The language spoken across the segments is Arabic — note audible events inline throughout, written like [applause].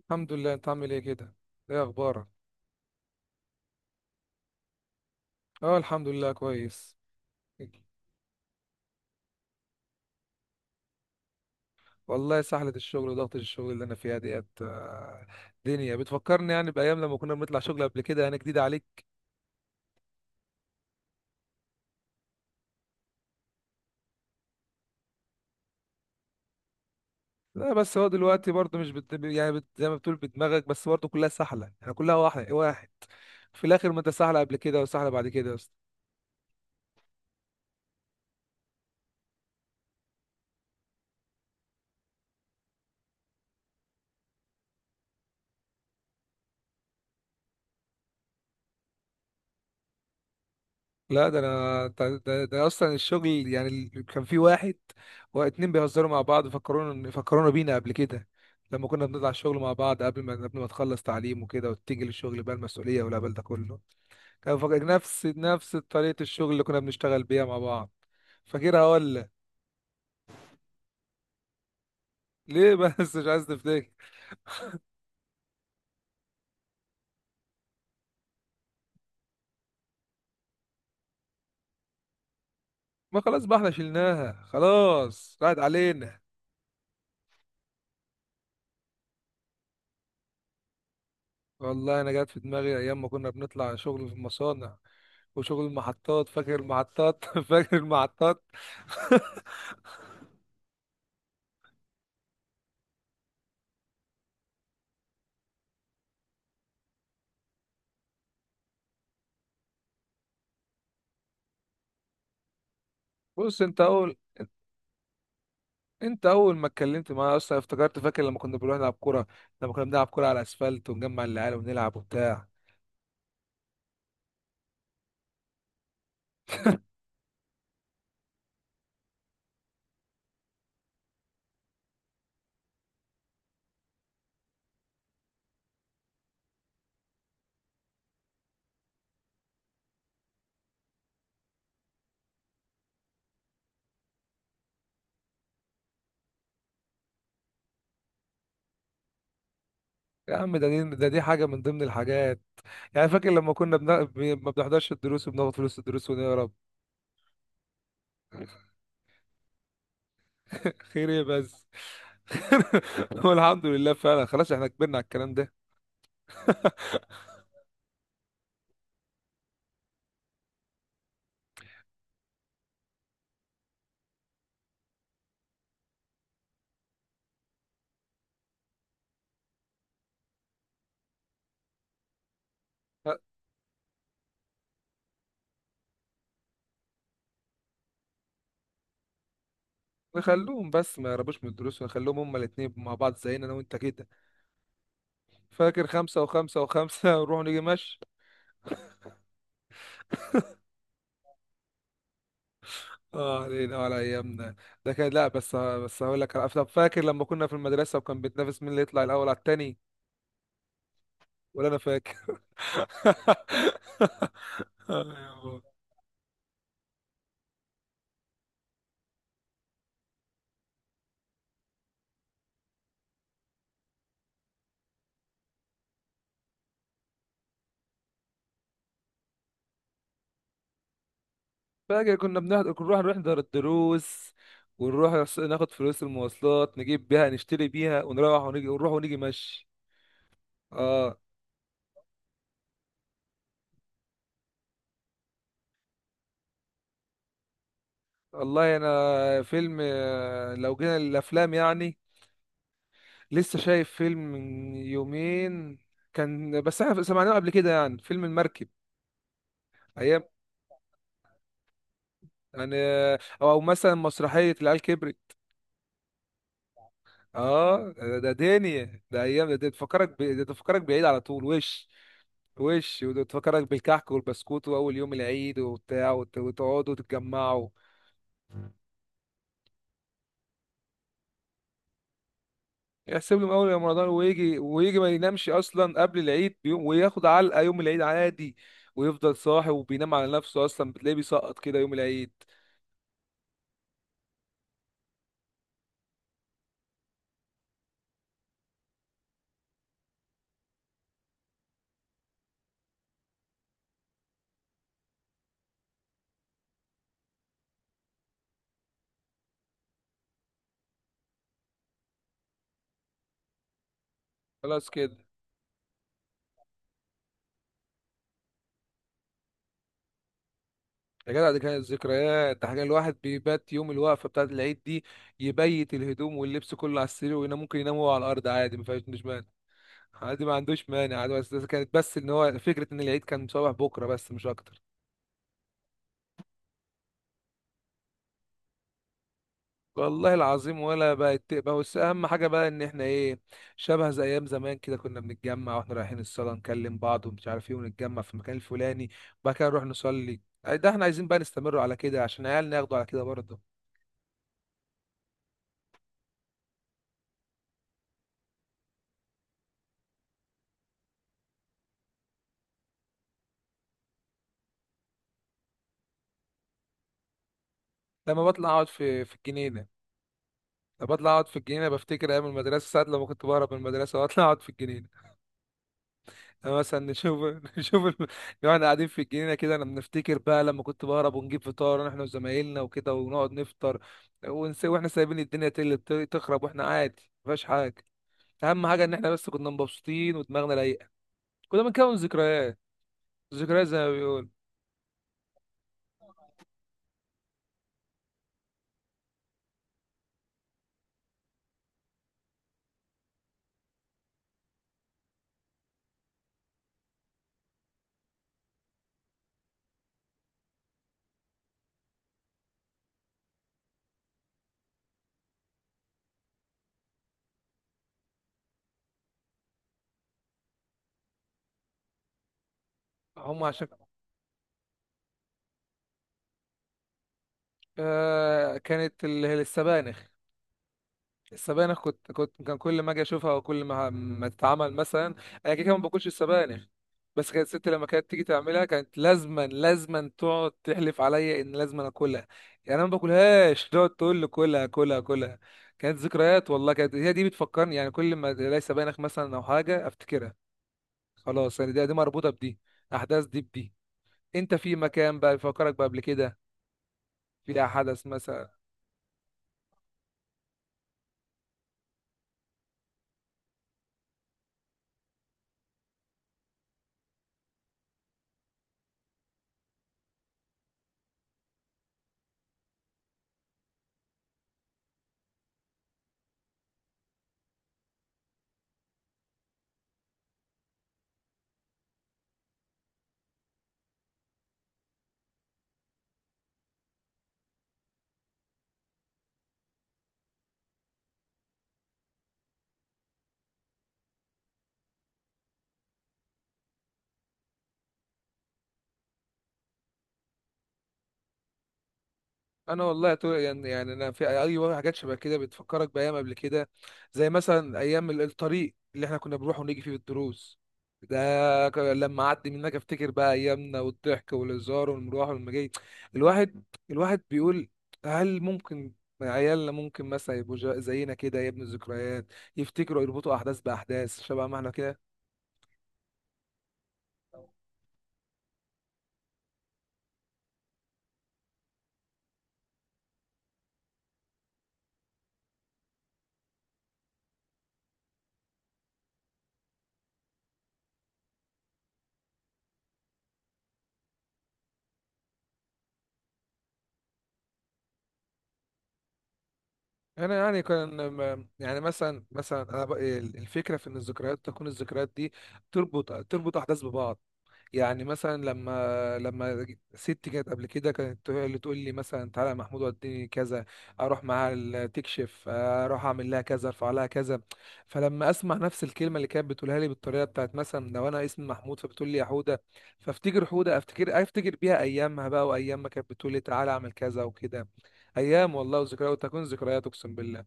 الحمد لله. انت عامل ايه كده؟ ايه اخبارك؟ اه، الحمد لله كويس. والله سحلة الشغل وضغط الشغل اللي انا فيها ديت، دنيا بتفكرني يعني بايام لما كنا بنطلع شغل قبل كده، يعني جديدة عليك. لا، بس هو دلوقتي برضه مش بت... يعني بت... زي ما بتقول بدماغك، بس برضه كلها سحلة يعني، كلها واحد واحد في الاخر. ما انت سحلة قبل كده وسحلة بعد كده. لا، ده انا ده, ده ده اصلا الشغل يعني، كان في واحد واتنين بيهزروا مع بعض، فكرونا بينا قبل كده لما كنا بنطلع الشغل مع بعض قبل ما تخلص تعليم وكده وتيجي للشغل، بقى المسؤوليه والهبل ده كله. كان فاكر نفس طريقه الشغل اللي كنا بنشتغل بيها مع بعض. فاكرها ولا؟ [laughs] ليه بس مش عايز تفتكر؟ ما خلاص بقى، احنا شلناها خلاص راحت علينا. والله انا جات في دماغي ايام ما كنا بنطلع شغل في المصانع وشغل المحطات. فاكر المحطات؟ [laughs] فاكر المحطات؟ بص، انت اول ما اتكلمت معايا اصلا افتكرت. فاكر لما كنا بنروح نلعب كوره؟ لما كنا بنلعب كوره على الاسفلت ونجمع العيال ونلعب وبتاع. يا عم، ده دي ده دي حاجه من ضمن الحاجات. يعني فاكر لما ما بنحضرش الدروس وبناخد فلوس الدروس ونهرب؟ [laughs] خير ايه بس؟ [laughs] والحمد لله فعلا، خلاص احنا كبرنا على الكلام ده. خ- نخلوهم بس ما يهربوش من الدروس، ونخليهم هما الاتنين مع بعض زينا انا وانت كده. فاكر خمسة وخمسة وخمسة؟ [laughs] ونروح نيجي مشي. اه، علينا وعلى ايامنا. ده كان لا بس هقول لك على، طب فاكر لما كنا في المدرسة وكان بيتنافس مين اللي يطلع الاول على التاني؟ ولا انا فاكر. [laughs] أيوة. فاكر كنا بنحضر، كنا نروح نحضر الدروس، ناخد فلوس المواصلات نجيب بيها نشتري بيها، ونروح ونيجي ونروح ونيجي مشي. اه والله انا فيلم، لو جينا للافلام يعني، لسه شايف فيلم من يومين. كان بس احنا سمعناه قبل كده يعني، فيلم المركب. ايام يعني. او أو مثلا مسرحية العيال كبرت. اه، ده دنيا، ده ايام، ده تفكرك بعيد على طول. وش وده تفكرك بالكحك والبسكوت واول يوم العيد وبتاع، وتقعدوا وتتجمعوا. يحسب لهم اول يوم رمضان، ويجي ما ينامش اصلا قبل العيد بيوم، وياخد علقة يوم العيد عادي. ويفضل صاحي وبينام على نفسه، اصلا بتلاقيه بيسقط كده يوم العيد. خلاص كده. يا جدع، دي كانت ذكريات. ده حاجة الواحد بيبات يوم الوقفة بتاعة العيد دي، يبيت الهدوم واللبس كله على السرير وينام. ممكن ينام هو على الأرض عادي، ما فيهاش مش مانع. عادي ما عندوش مانع عادي. بس كانت بس إن هو فكرة إن العيد كان صباح بكرة بس مش أكتر. والله العظيم ولا بقت بقى، بس أهم حاجة بقى إن إحنا إيه، شبه زي أيام زمان كده، كنا بنتجمع وإحنا رايحين الصلاة نكلم بعض ومش عارف إيه، ونتجمع في المكان الفلاني وبعد كده نروح نصلي. ده إحنا عايزين بقى نستمر على كده عشان عيالنا ياخدوا على كده برضه. لما بطلع أقعد في الجنينة. بطلع اقعد في الجنينه بفتكر ايام المدرسه، ساعات لما كنت بهرب من المدرسه واطلع اقعد في الجنينه. أنا مثلا نشوف، [laughs] نشوف ال... واحنا قاعدين في الجنينه كده، لما بنفتكر بقى لما كنت بهرب ونجيب فطار احنا وزمايلنا وكده ونقعد نفطر. ونسي واحنا سايبين الدنيا تقل تخرب، واحنا عادي مفيهاش حاجه. اهم حاجه ان احنا بس كنا مبسوطين ودماغنا رايقه. كنا بنكون ذكريات، ذكريات زي ما بيقول. هم عشان، آه كانت السبانخ. السبانخ كنت كنت كان كل ما اجي اشوفها وكل ما تتعمل مثلا، انا كده كده ما باكلش السبانخ، بس كانت ستي لما كانت تيجي تعملها كانت لازما لازما تقعد تحلف عليا ان لازما اكلها. يعني انا ما باكلهاش تقعد تقول لي كلها كلها كلها. كانت ذكريات والله، كانت هي دي بتفكرني يعني. كل ما الاقي سبانخ مثلا او حاجه افتكرها، خلاص يعني دي مربوطه بدي، احداث دي بدي. انت في مكان بقى بيفكرك بقى قبل كده، في حدث مثلا. يعني انا في اي، أي حاجات شبه كده بتفكرك بايام قبل كده، زي مثلا ايام الطريق اللي احنا كنا بنروح ونيجي فيه بالدروس. لما اعدي منك افتكر بقى ايامنا والضحك والهزار والمروح والمجاي. الواحد الواحد بيقول هل ممكن عيالنا ممكن مثلا يبقوا زينا كده يا ابن الذكريات؟ يفتكروا يربطوا احداث باحداث شبه ما احنا كده. انا يعني يعني مثلا الفكره في ان الذكريات تكون، الذكريات دي تربط احداث ببعض. يعني مثلا لما ست كانت قبل كده كانت اللي تقول لي مثلا تعالى يا محمود وديني كذا، اروح معاها تكشف، اروح اعمل لها كذا ارفع لها كذا. فلما اسمع نفس الكلمه اللي كانت بتقولها لي بالطريقه بتاعت، مثلا لو انا اسمي محمود فبتقول لي يا حوده، فافتكر حوده، افتكر بيها ايامها بقى وايام ما كانت بتقول لي تعالى اعمل كذا وكده. ايام والله وذكريات، وتكون ذكريات اقسم بالله.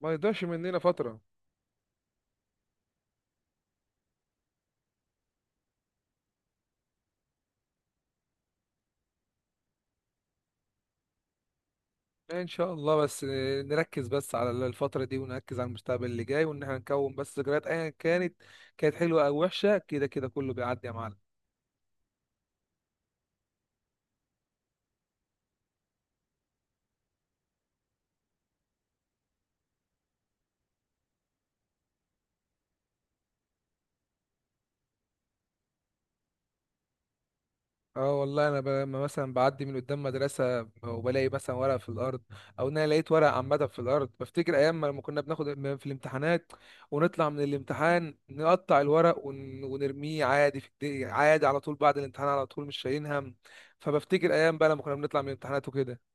ما يضيعش مننا فتره يعني، ان شاء الله بس نركز بس على الفتره دي ونركز على المستقبل اللي جاي. وان احنا نكون بس ذكريات ايا كانت، كانت حلوه او وحشه، كده كده كله بيعدي يا معلم. اه والله انا لما مثلا بعدي من قدام مدرسه وبلاقي مثلا ورق في الارض، او ان انا لقيت ورق عامه في الارض، بفتكر ايام ما لما كنا بناخد في الامتحانات، ونطلع من الامتحان نقطع الورق ونرميه عادي عادي على طول بعد الامتحان على طول، مش شايلين هم. فبفتكر ايام بقى لما كنا بنطلع من الامتحانات وكده.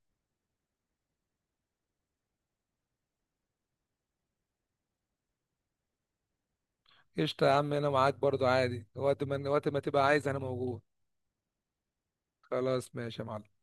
قشطه يا عم انا معاك برضو عادي، وقت ما تبقى عايز انا موجود. خلاص ماشي يا معلم.